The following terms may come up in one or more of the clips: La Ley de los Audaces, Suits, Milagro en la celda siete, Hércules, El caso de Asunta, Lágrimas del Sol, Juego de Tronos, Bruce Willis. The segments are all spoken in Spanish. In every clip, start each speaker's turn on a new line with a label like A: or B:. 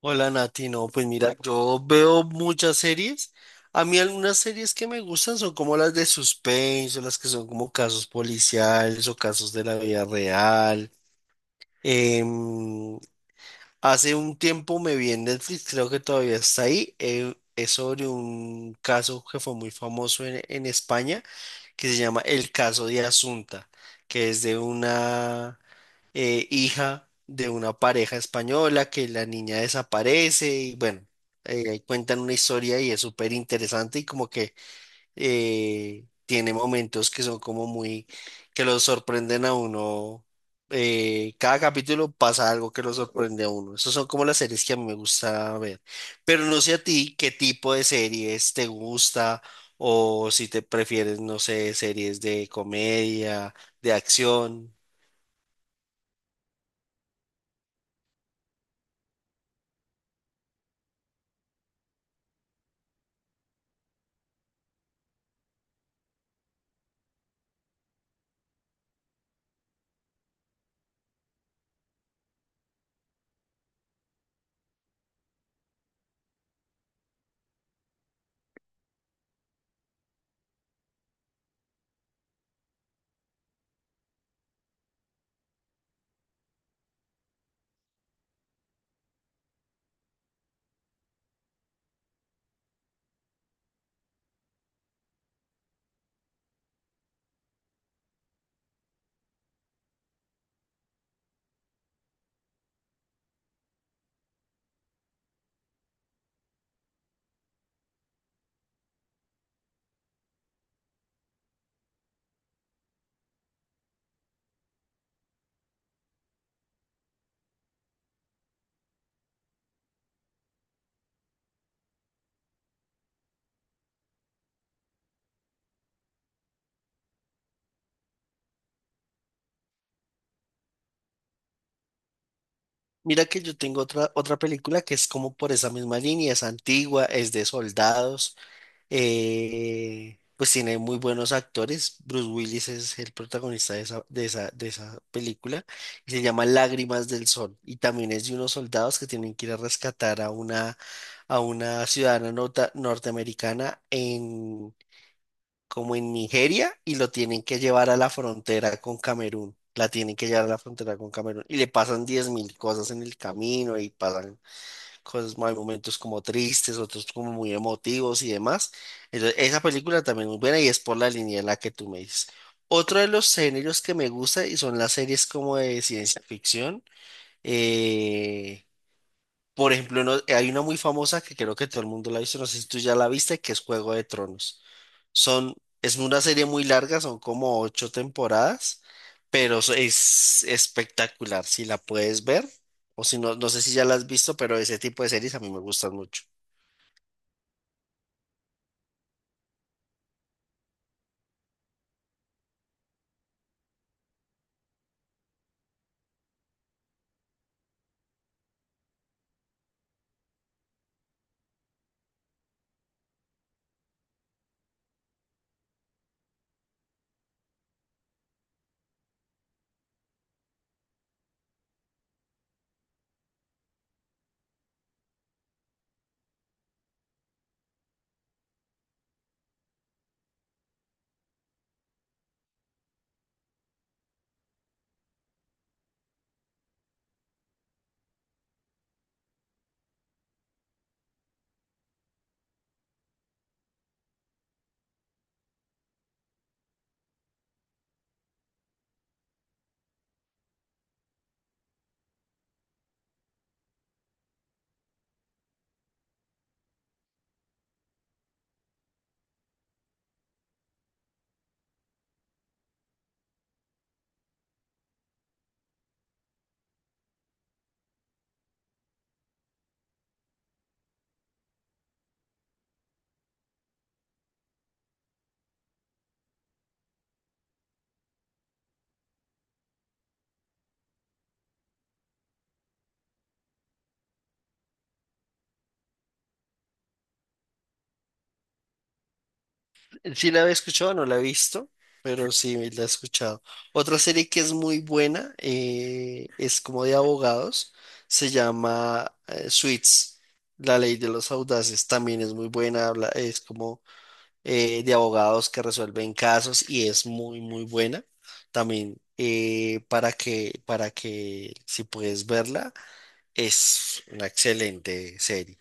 A: Hola Nati, no, pues mira, yo veo muchas series. A mí algunas series que me gustan son como las de suspenso, las que son como casos policiales o casos de la vida real. Em, Hace un tiempo me vi en Netflix, creo que todavía está ahí. Es sobre un caso que fue muy famoso en España que se llama El caso de Asunta, que es de una hija de una pareja española que la niña desaparece y bueno, cuentan una historia y es súper interesante y como que tiene momentos que son como muy, que los sorprenden a uno. Cada capítulo pasa algo que lo sorprende a uno. Esas son como las series que a mí me gusta ver. Pero no sé a ti qué tipo de series te gusta o si te prefieres, no sé, series de comedia, de acción. Mira que yo tengo otra película que es como por esa misma línea, es antigua, es de soldados. Pues tiene muy buenos actores. Bruce Willis es el protagonista de esa, de esa película y se llama Lágrimas del Sol. Y también es de unos soldados que tienen que ir a rescatar a una ciudadana norteamericana en, como en Nigeria y lo tienen que llevar a la frontera con Camerún. La tienen que llevar a la frontera con Camerún y le pasan 10.000 cosas en el camino y pasan cosas, hay momentos como tristes, otros como muy emotivos y demás. Entonces, esa película también es muy buena y es por la línea en la que tú me dices. Otro de los géneros que me gusta y son las series como de ciencia ficción. eh, por ejemplo, hay una muy famosa que creo que todo el mundo la ha visto, no sé si tú ya la viste, que es Juego de Tronos. Son, es una serie muy larga, son como ocho temporadas, pero es espectacular. Si la puedes ver, o si no, no sé si ya la has visto, pero ese tipo de series a mí me gustan mucho. Sí la había escuchado, no la he visto, pero sí la he escuchado. Otra serie que es muy buena es como de abogados, se llama Suits, La Ley de los Audaces, también es muy buena, es como de abogados que resuelven casos y es muy, muy buena. También para que si puedes verla, es una excelente serie.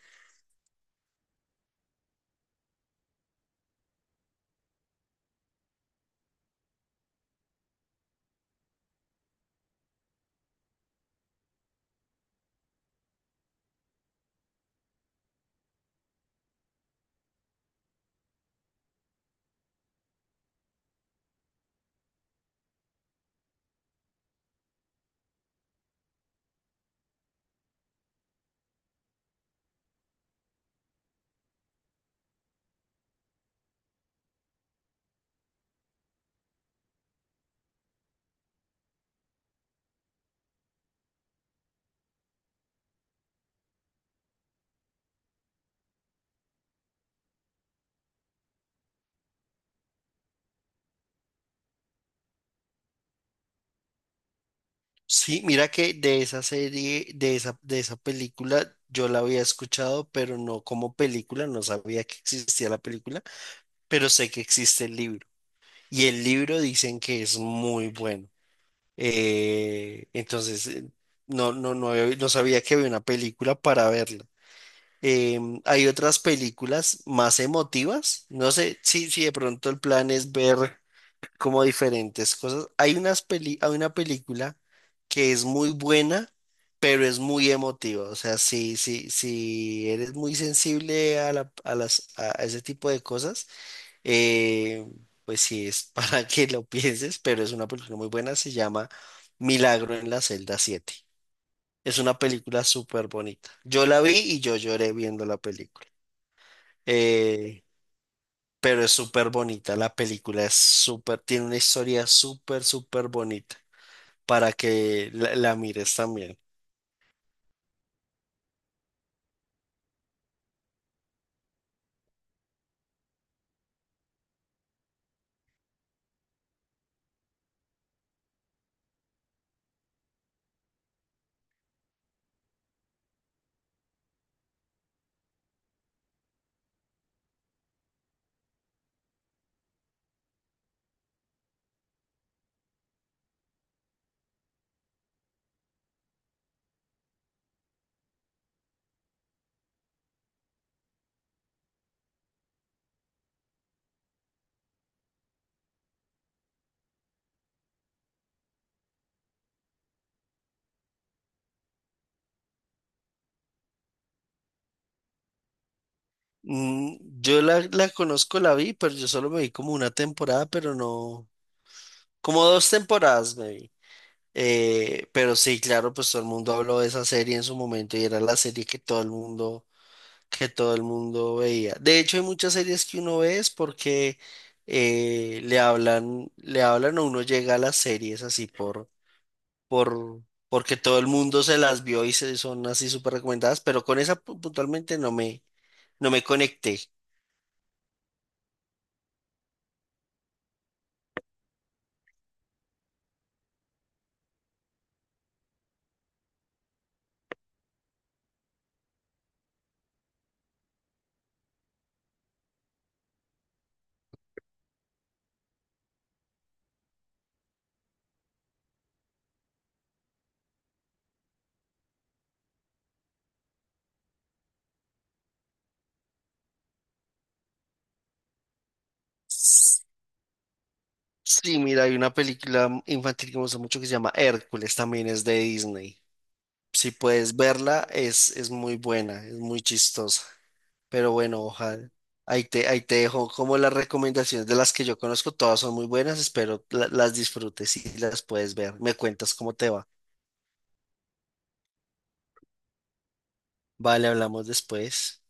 A: Sí, mira que de esa serie, de esa película, yo la había escuchado, pero no como película, no sabía que existía la película, pero sé que existe el libro. Y el libro dicen que es muy bueno. Entonces, no sabía que había una película para verla. Hay otras películas más emotivas. No sé si, si de pronto el plan es ver como diferentes cosas. Hay unas peli, hay una película que es muy buena, pero es muy emotiva. O sea, si, si, si eres muy sensible a a las, a ese tipo de cosas, eh, pues sí es para que lo pienses, pero es una película muy buena. Se llama Milagro en la celda siete. Es una película súper bonita. Yo la vi y yo lloré viendo la película. Eh, pero es súper bonita. La película es súper, tiene una historia súper, súper bonita para que la mires también. Mm, yo la conozco, la vi, pero yo solo me vi como una temporada, pero no, como dos temporadas me vi. Pero sí, claro, pues todo el mundo habló de esa serie en su momento y era la serie que todo el mundo, que todo el mundo veía. De hecho, hay muchas series que uno ve es porque le hablan o uno llega a las series así por, porque todo el mundo se las vio y se son así súper recomendadas, pero con esa puntualmente no me conecté. Sí, mira, hay una película infantil que me gusta mucho que se llama Hércules, también es de Disney. Si puedes verla, es muy buena, es muy chistosa. Pero bueno, ojalá. Ahí te dejo como las recomendaciones de las que yo conozco, todas son muy buenas, espero las disfrutes y las puedes ver. Me cuentas cómo te va. Vale, hablamos después.